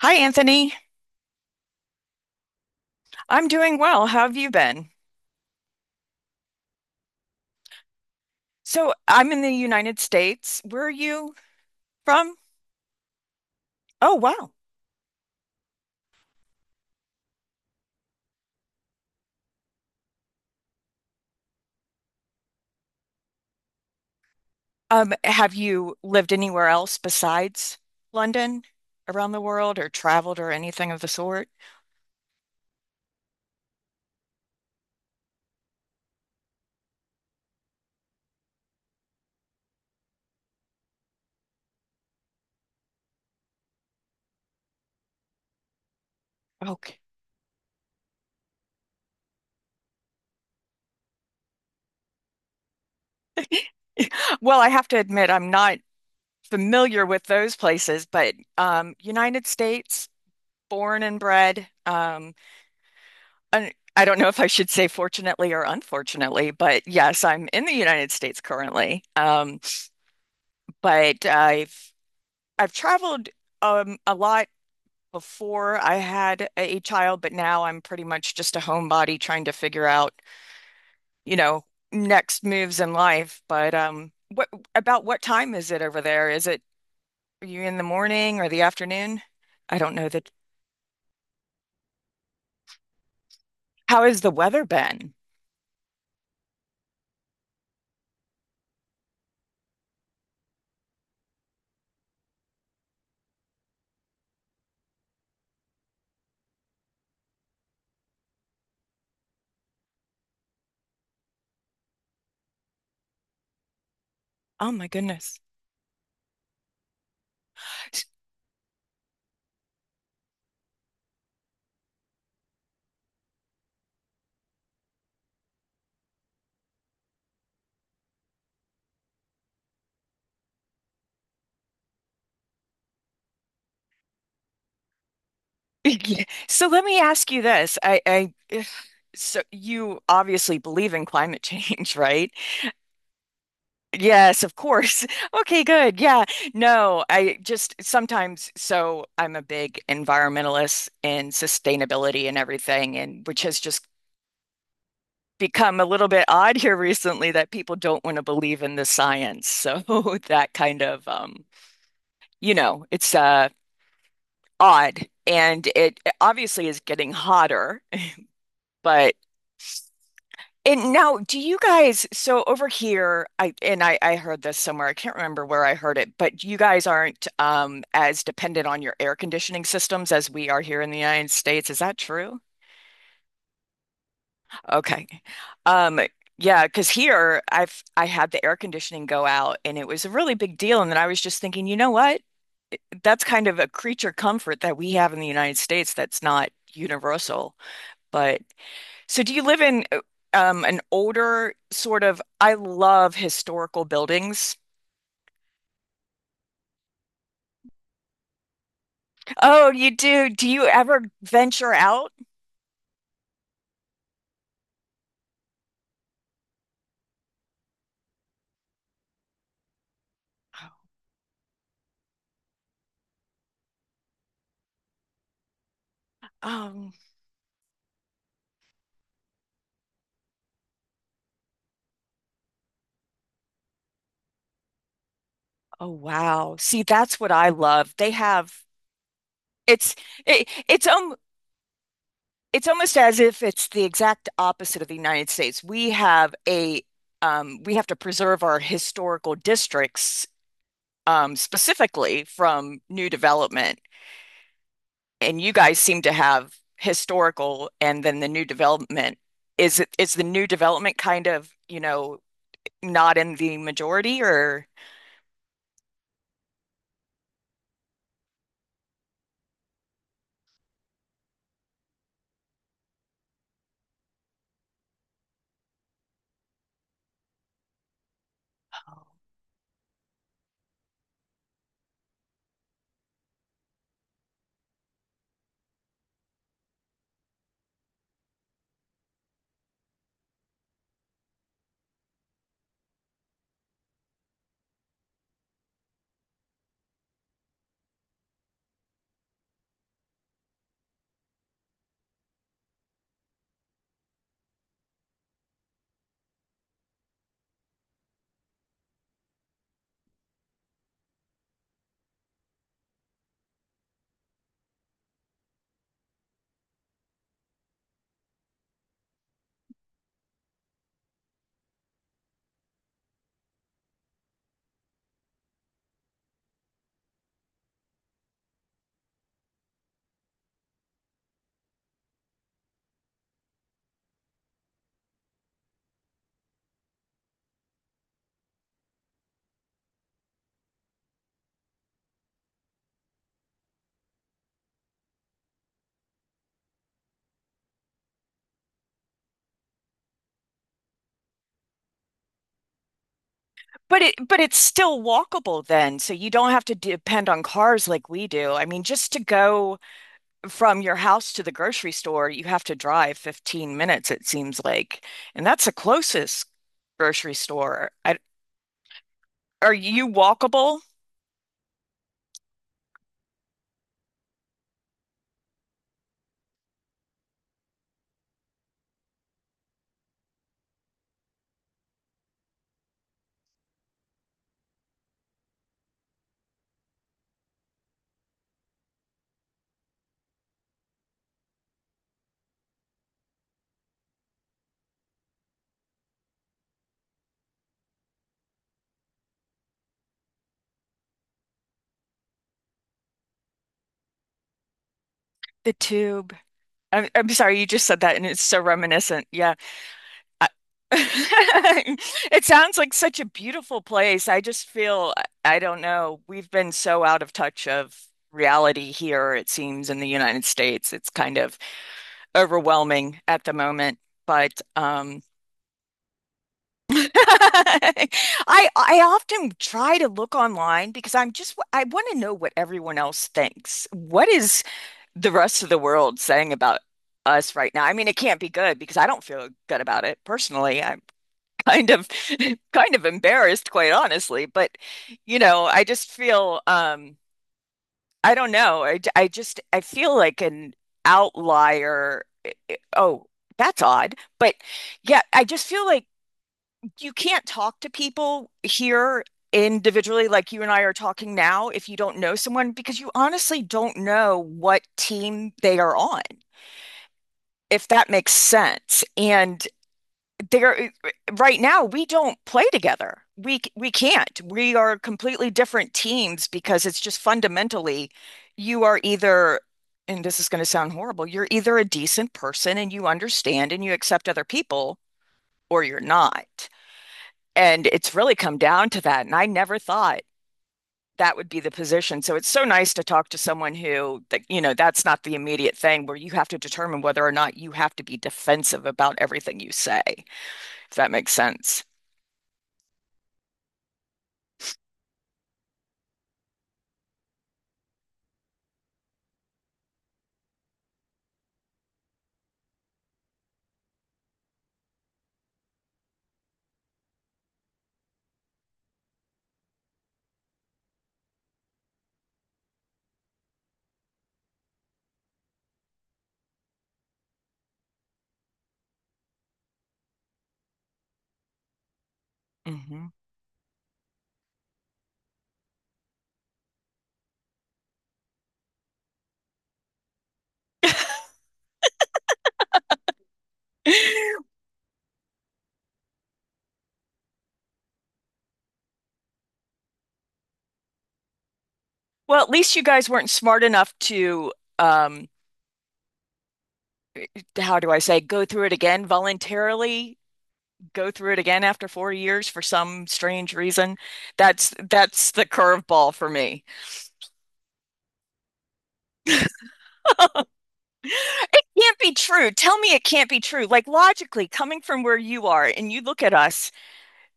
Hi, Anthony. I'm doing well. How have you been? So, I'm in the United States. Where are you from? Oh, wow. Have you lived anywhere else besides London around the world or traveled or anything of the sort? Okay. Well, I have to admit, I'm not familiar with those places, but United States, born and bred. I don't know if I should say fortunately or unfortunately, but yes, I'm in the United States currently. But I've traveled a lot before I had a child, but now I'm pretty much just a homebody trying to figure out, you know, next moves in life. But what about what time is it over there? Is it are you in the morning or the afternoon? I don't know that. How has the weather been? Oh my goodness. So let me ask you this. I so you obviously believe in climate change, right? Yes, of course. Okay, good. Yeah. No, I just sometimes, so I'm a big environmentalist and sustainability and everything, and which has just become a little bit odd here recently that people don't want to believe in the science. So that kind of, it's odd. And it obviously is getting hotter, but and now, do you guys, so over here, I heard this somewhere. I can't remember where I heard it, but you guys aren't as dependent on your air conditioning systems as we are here in the United States. Is that true? Okay. Um, yeah, because here I had the air conditioning go out and it was a really big deal. And then I was just thinking, you know what? That's kind of a creature comfort that we have in the United States that's not universal. But. So do you live in an older sort of, I love historical buildings. Oh, you do. Do you ever venture out? Um, oh wow. See, that's what I love. They have it's it, it's um it's almost as if it's the exact opposite of the United States. We have a we have to preserve our historical districts specifically from new development. And you guys seem to have historical and then the new development. Is it is the new development kind of, not in the majority or but it's still walkable then, so you don't have to depend on cars like we do. I mean, just to go from your house to the grocery store, you have to drive 15 minutes, it seems like. And that's the closest grocery store. I, are you walkable? The tube. I'm sorry, you just said that and it's so reminiscent. Yeah. I- It sounds like such a beautiful place. I just feel, I don't know, we've been so out of touch of reality here, it seems, in the United States. It's kind of overwhelming at the moment. But I often try to look online because I want to know what everyone else thinks. What is the rest of the world saying about us right now? I mean, it can't be good because I don't feel good about it personally kind of kind of embarrassed, quite honestly. But you know, I just feel I don't know. I feel like an outlier. Oh, that's odd. But yeah, I just feel like you can't talk to people here individually like you and I are talking now if you don't know someone because you honestly don't know what team they are on, if that makes sense. And there eh, right now we don't play together. We can't. We are completely different teams because it's just fundamentally you are either and this is going to sound horrible, you're either a decent person and you understand and you accept other people or you're not. And it's really come down to that. And I never thought that would be the position. So it's so nice to talk to someone who that you know that's not the immediate thing where you have to determine whether or not you have to be defensive about everything you say, if that makes sense. Hmm. Well, at least you guys weren't smart enough to, how do I say, go through it again voluntarily, go through it again after 4 years for some strange reason. That's the curveball for me. It can't be true. Tell me it can't be true. Like logically, coming from where you are and you look at us,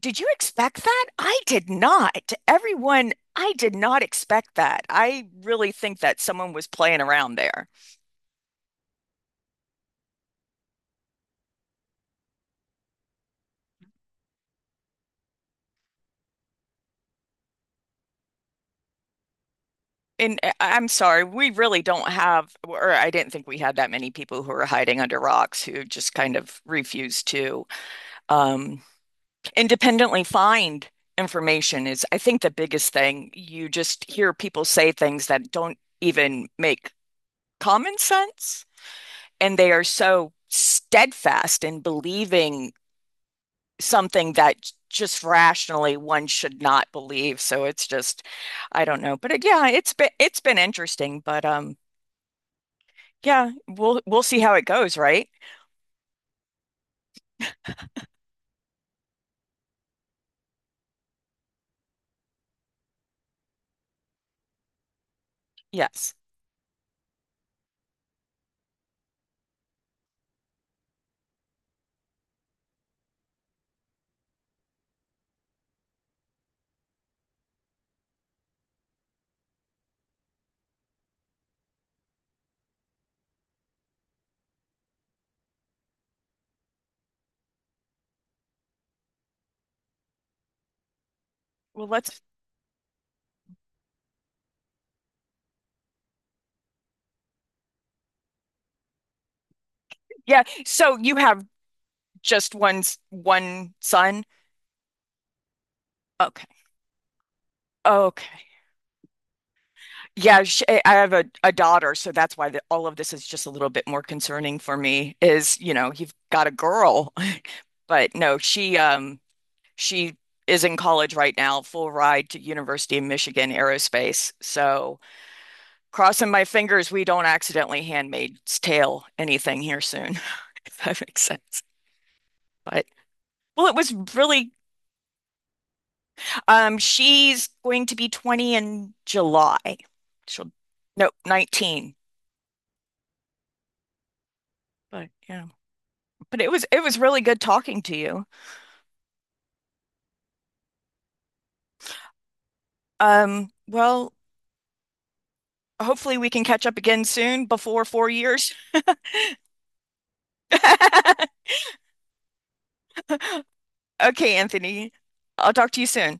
did you expect that? I did not. Everyone, I did not expect that. I really think that someone was playing around there. And I'm sorry, we really don't have, or I didn't think we had that many people who are hiding under rocks who just kind of refuse to um, independently find information is, I think, the biggest thing. You just hear people say things that don't even make common sense and they are so steadfast in believing something that just rationally one should not believe. So it's just, I don't know. But it, yeah, it's been interesting. But yeah, we'll see how it goes, right? Yes. Well, let's. Yeah. So you have just one son. Okay. Okay. Yeah, sh I have a daughter, so that's why the, all of this is just a little bit more concerning for me is, you know, you've got a girl. But no, she is in college right now, full ride to University of Michigan Aerospace. So crossing my fingers we don't accidentally Handmaid's Tale anything here soon, if that makes sense. But well, it was really. She's going to be 20 in July. She'll No, 19. But yeah. But it was really good talking to you. Well, hopefully we can catch up again soon before 4 years. Okay, Anthony. I'll talk to you soon.